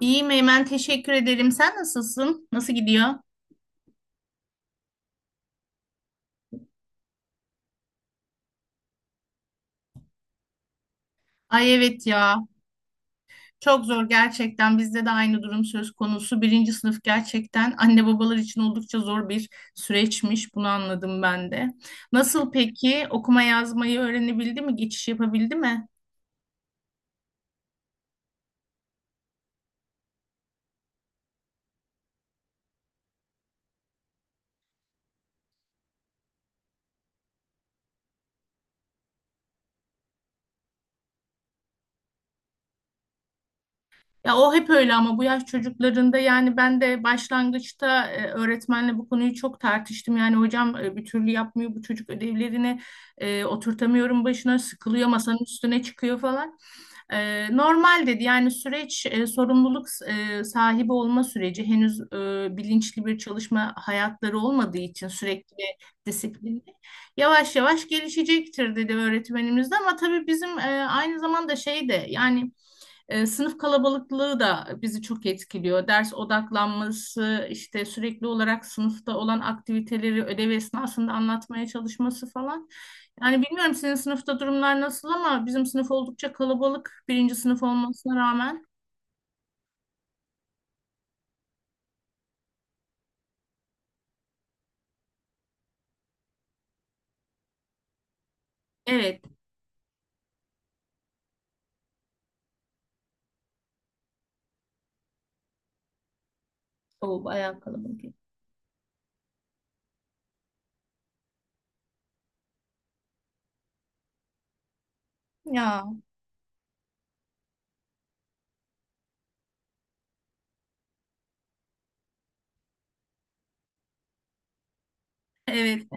İyiyim Eymen, teşekkür ederim. Sen nasılsın? Nasıl gidiyor? Ay evet ya. Çok zor gerçekten. Bizde de aynı durum söz konusu. Birinci sınıf gerçekten anne babalar için oldukça zor bir süreçmiş. Bunu anladım ben de. Nasıl peki? Okuma yazmayı öğrenebildi mi? Geçiş yapabildi mi? Ya o hep öyle ama bu yaş çocuklarında yani ben de başlangıçta öğretmenle bu konuyu çok tartıştım. Yani hocam, bir türlü yapmıyor bu çocuk ödevlerini, oturtamıyorum başına, sıkılıyor, masanın üstüne çıkıyor falan. Normal dedi, yani süreç, sorumluluk sahibi olma süreci henüz, bilinçli bir çalışma hayatları olmadığı için, sürekli ve disiplinli yavaş yavaş gelişecektir dedi öğretmenimiz de. Ama tabii bizim aynı zamanda şey de, yani sınıf kalabalıklığı da bizi çok etkiliyor. Ders odaklanması, işte sürekli olarak sınıfta olan aktiviteleri ödev esnasında anlatmaya çalışması falan. Yani bilmiyorum senin sınıfta durumlar nasıl ama bizim sınıf oldukça kalabalık, birinci sınıf olmasına rağmen. Evet. O bayağı kalabalık. Ya, evet.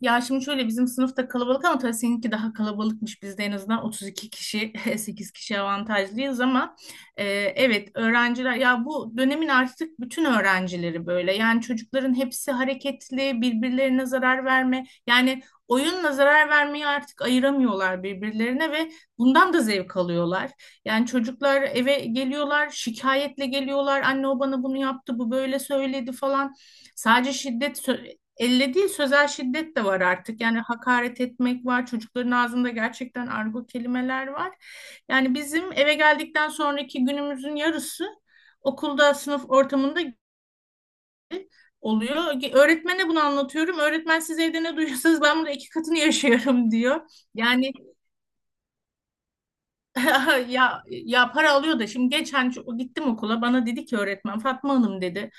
Ya şimdi şöyle, bizim sınıfta kalabalık ama tabii seninki daha kalabalıkmış. Bizde en azından 32 kişi, 8 kişi avantajlıyız ama e, evet, öğrenciler ya bu dönemin artık bütün öğrencileri böyle. Yani çocukların hepsi hareketli, birbirlerine zarar verme, yani oyunla zarar vermeyi artık ayıramıyorlar birbirlerine ve bundan da zevk alıyorlar. Yani çocuklar eve geliyorlar, şikayetle geliyorlar. Anne o bana bunu yaptı, bu böyle söyledi falan. Sadece şiddet elle değil, sözel şiddet de var artık. Yani hakaret etmek var. Çocukların ağzında gerçekten argo kelimeler var. Yani bizim eve geldikten sonraki günümüzün yarısı okulda, sınıf ortamında oluyor. Öğretmene bunu anlatıyorum. Öğretmen, "Siz evde ne duyuyorsanız ben bunu 2 katını yaşıyorum," diyor. Yani ya, ya para alıyor da. Şimdi geçen gittim okula, bana dedi ki öğretmen, "Fatma Hanım," dedi,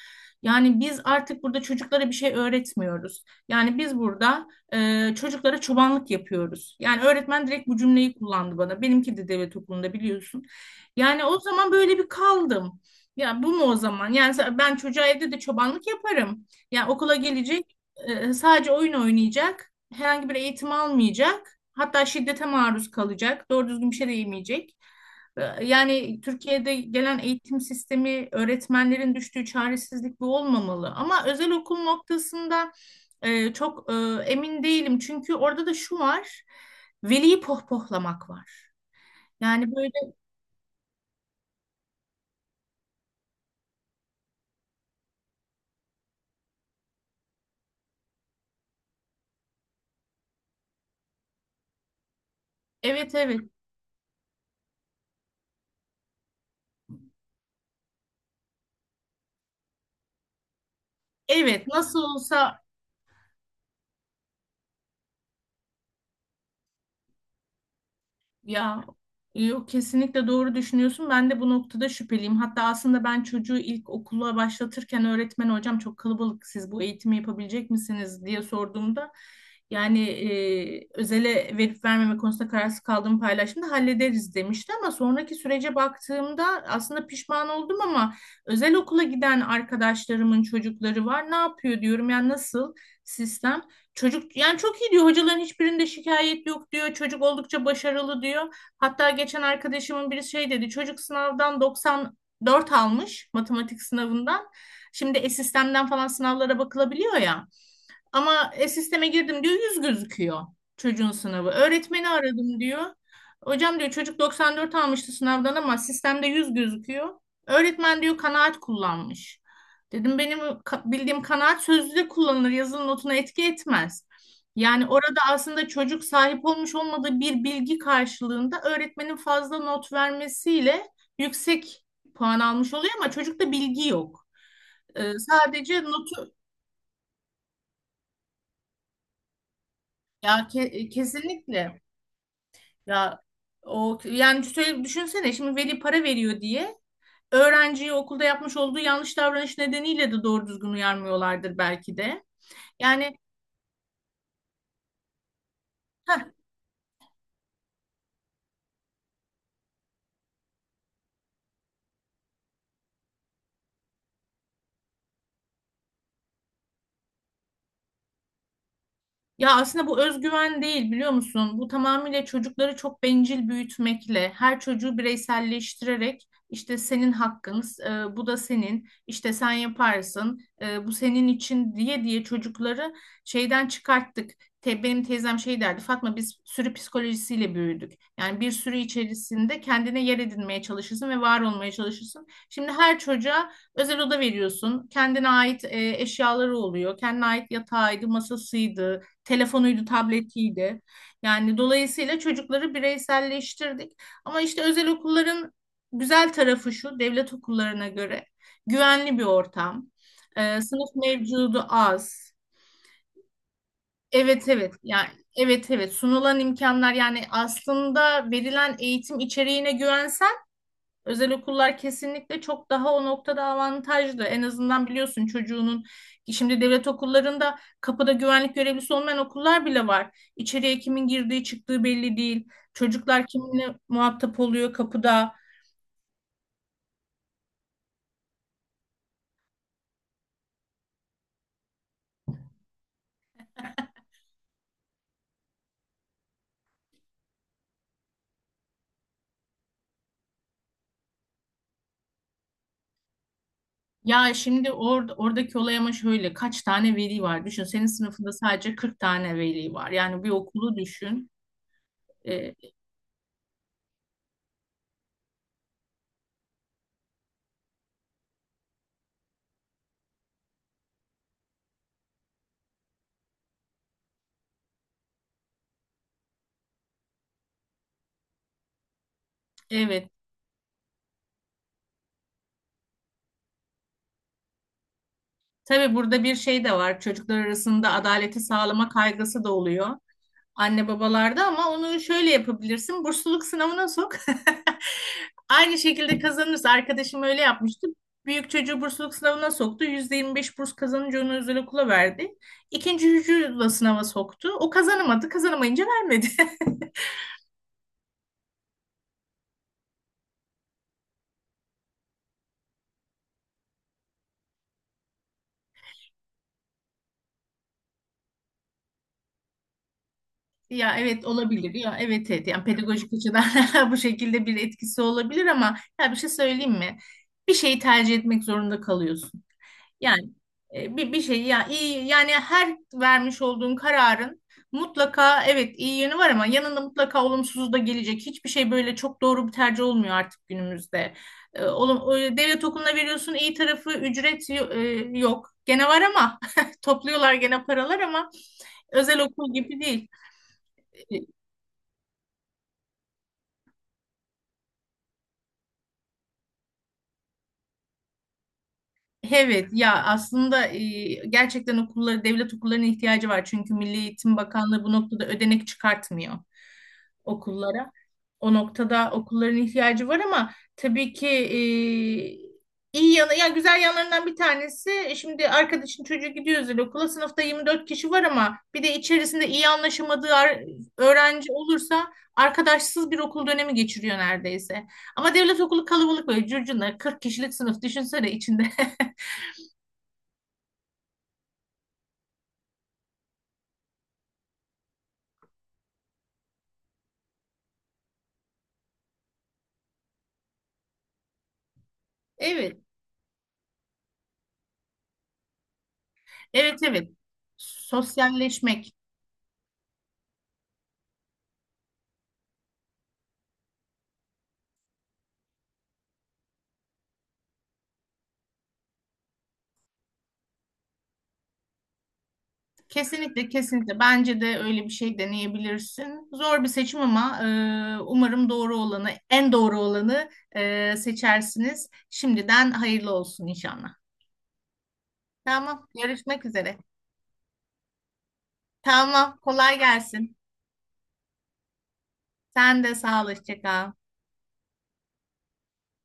"yani biz artık burada çocuklara bir şey öğretmiyoruz. Yani biz burada çocuklara çobanlık yapıyoruz." Yani öğretmen direkt bu cümleyi kullandı bana. Benimki de devlet okulunda, biliyorsun. Yani o zaman böyle bir kaldım. Ya, bu mu o zaman? Yani ben çocuğa evde de çobanlık yaparım. Yani okula gelecek, sadece oyun oynayacak, herhangi bir eğitim almayacak, hatta şiddete maruz kalacak, doğru düzgün bir şey de yemeyecek. Yani Türkiye'de gelen eğitim sistemi, öğretmenlerin düştüğü çaresizlik bu olmamalı. Ama özel okul noktasında çok emin değilim, çünkü orada da şu var: veliyi pohpohlamak var. Yani böyle, evet, evet. Evet, nasıl olsa. Ya, yok, kesinlikle doğru düşünüyorsun. Ben de bu noktada şüpheliyim. Hatta aslında ben çocuğu ilk okula başlatırken, öğretmen hocam çok kalabalık, siz bu eğitimi yapabilecek misiniz diye sorduğumda, yani özele verip vermeme konusunda kararsız kaldığımı paylaştığımda, "Hallederiz," demişti, ama sonraki sürece baktığımda aslında pişman oldum. Ama özel okula giden arkadaşlarımın çocukları var. "Ne yapıyor?" diyorum, "Yani nasıl sistem?" Çocuk yani çok iyi diyor, hocaların hiçbirinde şikayet yok diyor, çocuk oldukça başarılı diyor. Hatta geçen arkadaşımın biri şey dedi: çocuk sınavdan 94 almış, matematik sınavından. Şimdi e-sistemden falan sınavlara bakılabiliyor ya. Ama sisteme girdim diyor, 100 gözüküyor çocuğun sınavı. Öğretmeni aradım diyor. "Hocam," diyor, "çocuk 94 almıştı sınavdan ama sistemde 100 gözüküyor." Öğretmen diyor kanaat kullanmış. Dedim, "Benim bildiğim kanaat sözlüde kullanılır, yazılı notuna etki etmez." Yani orada aslında çocuk sahip olmuş olmadığı bir bilgi karşılığında, öğretmenin fazla not vermesiyle yüksek puan almış oluyor ama çocukta bilgi yok. Sadece notu ya, kesinlikle. Ya o yani şöyle düşünsene, şimdi veli para veriyor diye öğrenciyi okulda yapmış olduğu yanlış davranış nedeniyle de doğru düzgün uyarmıyorlardır belki de. Yani, ha, ya aslında bu özgüven değil, biliyor musun? Bu tamamıyla çocukları çok bencil büyütmekle, her çocuğu bireyselleştirerek, işte senin hakkın, bu da senin, işte sen yaparsın, bu senin için," diye diye çocukları şeyden çıkarttık. Benim teyzem şey derdi: "Fatma, biz sürü psikolojisiyle büyüdük." Yani bir sürü içerisinde kendine yer edinmeye çalışırsın ve var olmaya çalışırsın. Şimdi her çocuğa özel oda veriyorsun, kendine ait eşyaları oluyor, kendine ait yatağıydı, masasıydı, telefonuydu, tabletiydi. Yani dolayısıyla çocukları bireyselleştirdik. Ama işte özel okulların güzel tarafı şu: devlet okullarına göre güvenli bir ortam, Sınıf mevcudu az. Evet, evet, yani evet, evet, sunulan imkanlar, yani aslında verilen eğitim içeriğine güvensen özel okullar kesinlikle çok daha o noktada avantajlı. En azından biliyorsun çocuğunun, şimdi devlet okullarında kapıda güvenlik görevlisi olmayan okullar bile var. İçeriye kimin girdiği çıktığı belli değil. Çocuklar kiminle muhatap oluyor kapıda. Ya şimdi, oradaki olay ama şöyle, kaç tane veli var? Düşün, senin sınıfında sadece 40 tane veli var. Yani bir okulu düşün. Ee, Evet. Tabii burada bir şey de var: çocuklar arasında adaleti sağlama kaygısı da oluyor anne babalarda. Ama onu şöyle yapabilirsin: bursluluk sınavına sok. Aynı şekilde kazanırsa. Arkadaşım öyle yapmıştı: büyük çocuğu bursluluk sınavına soktu, %25 burs kazanınca onu özel okula verdi. İkinci çocuğu da sınava soktu, o kazanamadı. Kazanamayınca vermedi. Ya, evet, olabilir ya, evet, evet, yani pedagojik açıdan bu şekilde bir etkisi olabilir ama ya bir şey söyleyeyim mi? Bir şeyi tercih etmek zorunda kalıyorsun. Yani bir şey ya iyi, yani her vermiş olduğun kararın mutlaka evet iyi yönü var ama yanında mutlaka olumsuzu da gelecek. Hiçbir şey böyle çok doğru bir tercih olmuyor artık günümüzde. Devlet okuluna veriyorsun, iyi tarafı ücret yok. Gene var ama topluyorlar gene paralar, ama özel okul gibi değil. E, Evet, ya aslında gerçekten okulları, devlet okullarına ihtiyacı var, çünkü Milli Eğitim Bakanlığı bu noktada ödenek çıkartmıyor okullara. O noktada okulların ihtiyacı var. Ama tabii ki iyi yanı, ya güzel yanlarından bir tanesi, şimdi arkadaşın çocuğu gidiyor özel okula, sınıfta 24 kişi var ama bir de içerisinde iyi anlaşamadığı öğrenci olursa arkadaşsız bir okul dönemi geçiriyor neredeyse. Ama devlet okulu kalabalık, böyle curcuna, 40 kişilik sınıf düşünsene içinde. Evet, evet, evet. Sosyalleşmek. Kesinlikle, kesinlikle. Bence de öyle bir şey deneyebilirsin. Zor bir seçim ama umarım doğru olanı, en doğru olanı seçersiniz. Şimdiden hayırlı olsun inşallah. Tamam, görüşmek üzere. Tamam, kolay gelsin. Sen de sağ ol, hoşça kal.